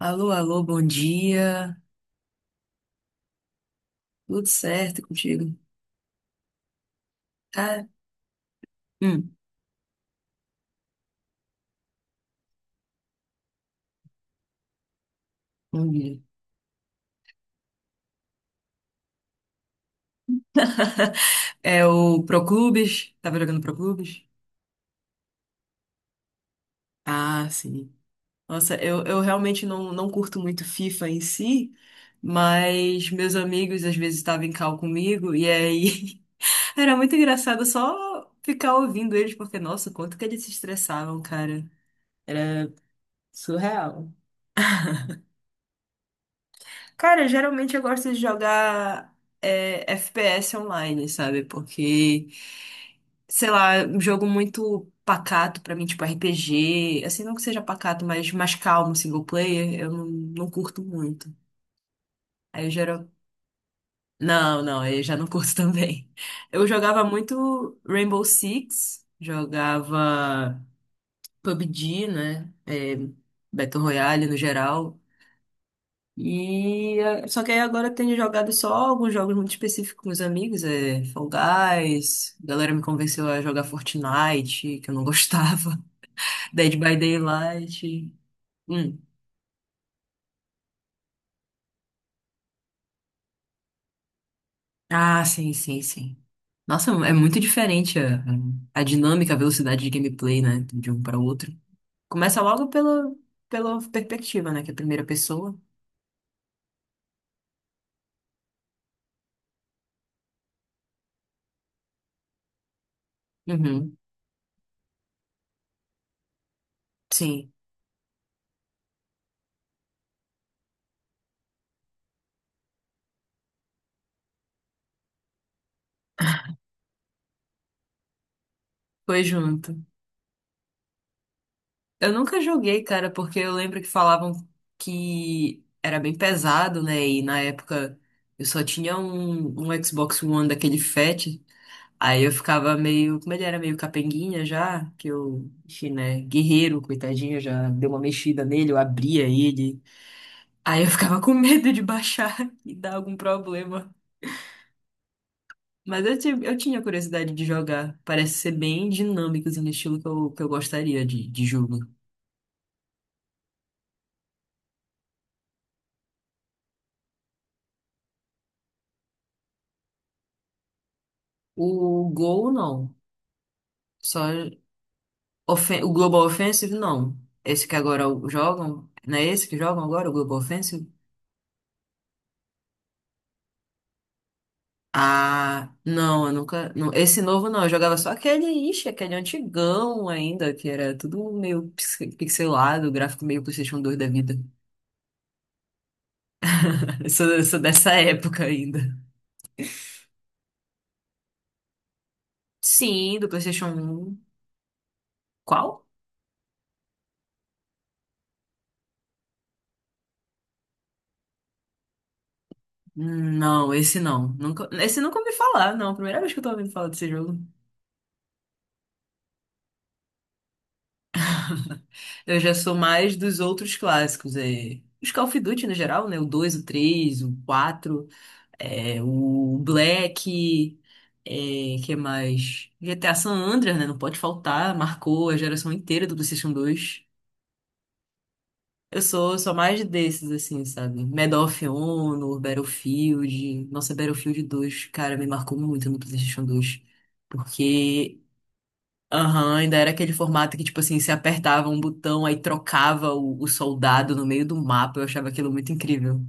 Alô, alô, bom dia. Tudo certo contigo? Tá? Hum, bom dia. É o Proclubes? Tava jogando Proclubes? Ah, sim. Nossa, eu realmente não curto muito FIFA em si, mas meus amigos às vezes estavam em call comigo e aí era muito engraçado só ficar ouvindo eles, porque, nossa, quanto que eles se estressavam, cara. Era surreal. Cara, geralmente eu gosto de jogar FPS online, sabe? Porque, sei lá, é um jogo muito pacato pra mim, tipo RPG, assim, não que seja pacato, mas mais calmo, single player, eu não curto muito. Aí eu geral... Não, aí eu já não curto também. Eu jogava muito Rainbow Six, jogava PUBG, né? É, Battle Royale no geral. E só que aí agora eu tenho jogado só alguns jogos muito específicos com os amigos, é Fall Guys, a galera me convenceu a jogar Fortnite, que eu não gostava, Dead by Daylight. Hum. Ah, sim, sim, sim. Nossa, é muito diferente a dinâmica, a velocidade de gameplay, né, de um para outro. Começa logo pela perspectiva, né, que é a primeira pessoa. Uhum. Sim, foi junto. Eu nunca joguei, cara, porque eu lembro que falavam que era bem pesado, né? E na época eu só tinha um Xbox One daquele fat. Aí eu ficava meio. Como ele era meio capenguinha já, que eu, enfim, né? Guerreiro, coitadinho, já deu uma mexida nele, eu abria ele. Aí eu ficava com medo de baixar e dar algum problema. Mas eu tinha curiosidade de jogar. Parece ser bem dinâmico, assim, no estilo que eu gostaria de jogo. O Gol, não. Só. O Global Offensive, não. Esse que agora jogam, não é esse que jogam agora, o Global Offensive? Ah, não, eu nunca. Não, esse novo não, eu jogava só aquele, ixi, aquele antigão ainda, que era tudo meio pixelado, gráfico meio PlayStation 2 da vida. Eu sou dessa época ainda. Sim, do PlayStation 1. Qual? Não, esse não. Nunca, esse nunca ouvi falar, não. Primeira vez que eu tô ouvindo falar desse jogo. Eu já sou mais dos outros clássicos, é, os Call of Duty no geral, né? O 2, o 3, o 4, o Black, é, que é mais? G T a San Andreas, né? Não pode faltar, marcou a geração inteira do PlayStation 2. Eu sou mais desses, assim, sabe? Medal of Honor, Battlefield. Nossa, Battlefield 2, cara, me marcou muito no PlayStation 2, porque Aham, ainda era aquele formato que, tipo assim, você apertava um botão, aí trocava o soldado no meio do mapa. Eu achava aquilo muito incrível,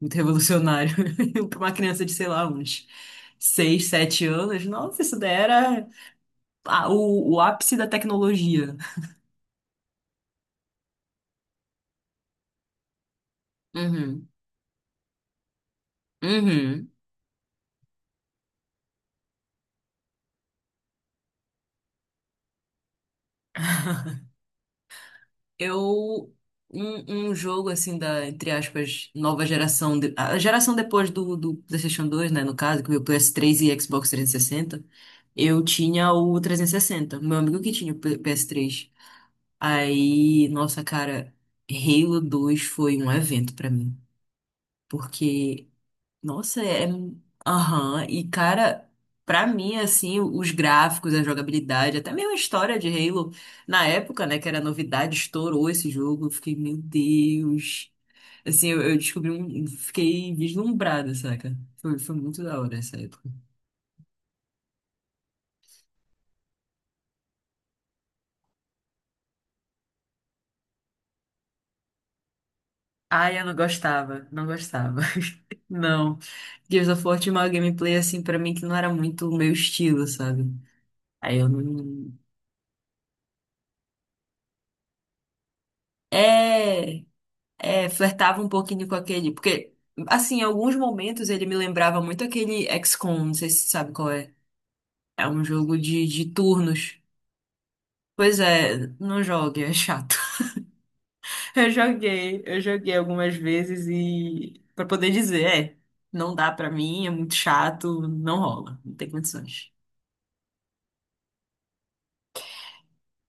muito revolucionário. Para uma criança de, sei lá, uns 6 7 anos, nossa, isso daí era ah, o ápice da tecnologia. Uhum, uhum. Eu. Um jogo, assim, da, entre aspas, nova geração. De- a geração depois do PlayStation 2, né? No caso, que veio o ps 3 e Xbox 360. Eu tinha o 360. Meu amigo que tinha o PS3. Aí, nossa, cara, Halo 2 foi um evento pra mim. Porque nossa, é. Aham. E, cara, pra mim, assim, os gráficos, a jogabilidade, até mesmo a história de Halo, na época, né, que era novidade, estourou esse jogo. Eu fiquei, meu Deus. Assim, eu descobri um. Fiquei vislumbrada, saca? Foi, foi muito da hora essa época. Ai, eu não gostava, não gostava. Não. Gears of War tinha uma gameplay, assim, pra mim, que não era muito o meu estilo, sabe? Aí eu não. É. Flertava um pouquinho com aquele. Porque, assim, em alguns momentos ele me lembrava muito aquele XCOM, não sei se você sabe qual é. É um jogo de turnos. Pois é, não jogue, é chato. Eu joguei algumas vezes e. Pra poder dizer, é, não dá pra mim, é muito chato, não rola, não tem condições.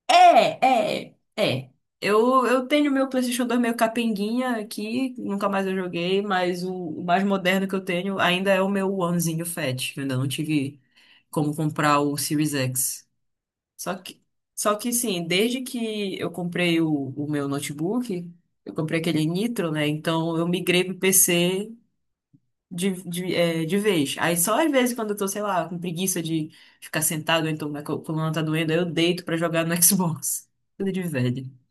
É. Eu tenho meu PlayStation 2 meio capenguinha aqui, nunca mais eu joguei, mas o mais moderno que eu tenho ainda é o meu Onezinho Fat. Eu ainda não tive como comprar o Series X. Só que, Só que sim, desde que eu comprei o meu notebook, eu comprei aquele Nitro, né? Então eu migrei pro PC de vez. Aí só às vezes quando eu tô, sei lá, com preguiça de ficar sentado, ou então minha coluna tá doendo, aí eu deito pra jogar no Xbox. Tudo de velho.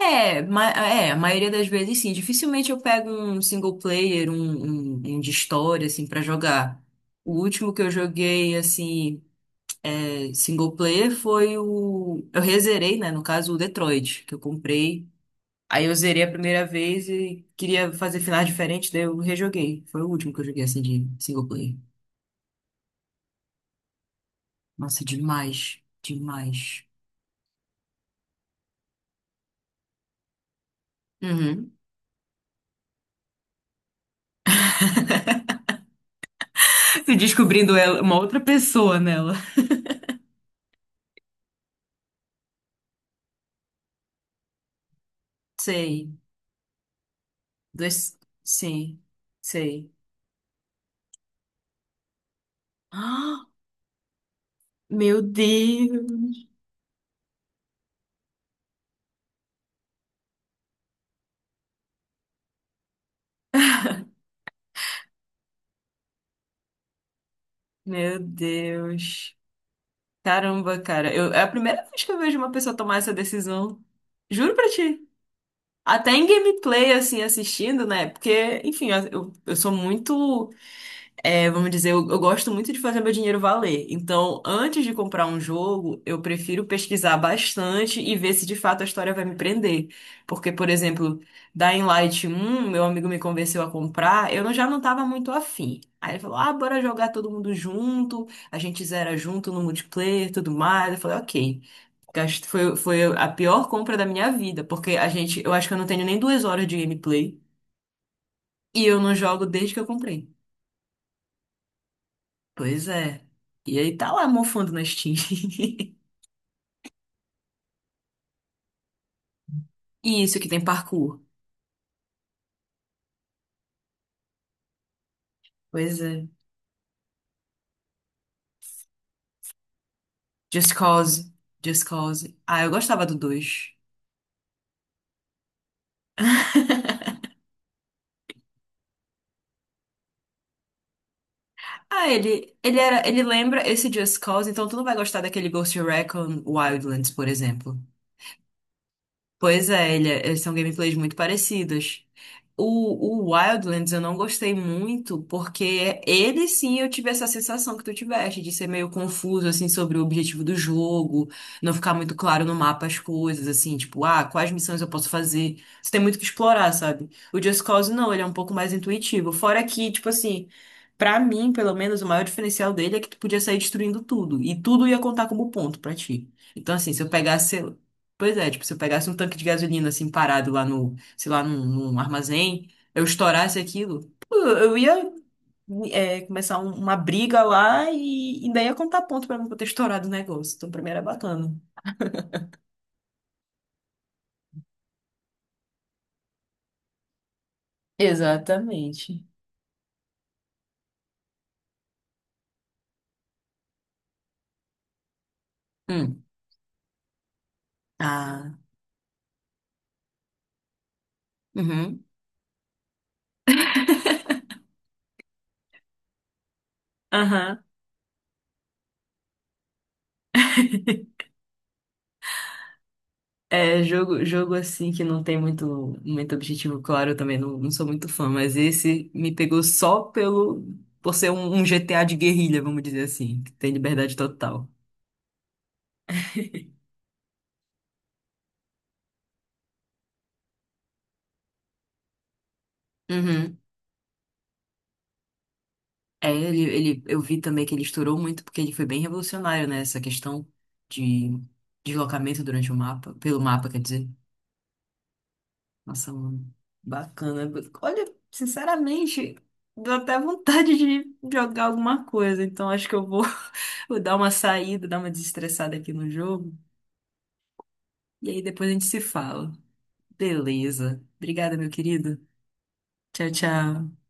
É, a maioria das vezes sim. Dificilmente eu pego um single player, um de história, assim, pra jogar. O último que eu joguei, assim, single player foi o. Eu rezerei, né? No caso, o Detroit, que eu comprei. Aí eu zerei a primeira vez e queria fazer finais diferentes, daí eu rejoguei. Foi o último que eu joguei, assim, de single player. Nossa, demais, demais. Uhum. Se descobrindo ela, uma outra pessoa nela. Sei. Dois. Sim, sei. Ah, meu Deus! Meu Deus! Caramba, cara. Eu... É a primeira vez que eu vejo uma pessoa tomar essa decisão. Juro pra ti. Até em gameplay, assim, assistindo, né? Porque, enfim, eu sou muito. É, vamos dizer, eu gosto muito de fazer meu dinheiro valer. Então, antes de comprar um jogo, eu prefiro pesquisar bastante e ver se de fato a história vai me prender. Porque, por exemplo, Dying Light 1, meu amigo me convenceu a comprar, eu não- já não estava muito afim. Aí ele falou: ah, bora jogar todo mundo junto, a gente zera junto no multiplayer, tudo mais. Eu falei: ok. Foi, foi a pior compra da minha vida, porque a gente, eu acho que eu não tenho nem 2 horas de gameplay e eu não jogo desde que eu comprei. Pois é. E aí tá lá mofando na Steam. E isso que tem parkour. Pois é. Just Cause. Just Cause. Ah, eu gostava do 2. Ah, ele lembra esse Just Cause, então tu não vai gostar daquele Ghost Recon Wildlands, por exemplo. Pois é, ele é- eles são gameplays muito parecidos. O Wildlands eu não gostei muito, porque ele sim eu tive essa sensação que tu tiveste, de ser meio confuso, assim, sobre o objetivo do jogo, não ficar muito claro no mapa as coisas, assim, tipo, ah, quais missões eu posso fazer? Você tem muito que explorar, sabe? O Just Cause não, ele é um pouco mais intuitivo. Fora que, tipo assim, pra mim, pelo menos, o maior diferencial dele é que tu podia sair destruindo tudo, e tudo ia contar como ponto pra ti. Então, assim, se eu pegasse pois é, tipo, se eu pegasse um tanque de gasolina assim parado lá no, sei lá, num, num armazém, eu estourasse aquilo, pô, eu ia começar uma briga lá e ainda ia contar ponto pra mim por ter estourado o negócio. Então, pra mim era bacana. Exatamente. Hum. Ah. Uhum. Aham. É, jogo assim que não tem muito objetivo claro, eu também não sou muito fã, mas esse me pegou só pelo, por ser um GTA de guerrilha, vamos dizer assim, que tem liberdade total. É, eu vi também que ele estourou muito porque ele foi bem revolucionário, né? Essa questão de deslocamento durante o mapa, pelo mapa, quer dizer. Nossa, mano, bacana. Olha, sinceramente, deu até vontade de jogar alguma coisa. Então acho que eu vou, vou dar uma saída, dar uma desestressada aqui no jogo. E aí depois a gente se fala. Beleza. Obrigada, meu querido. Tchau, tchau.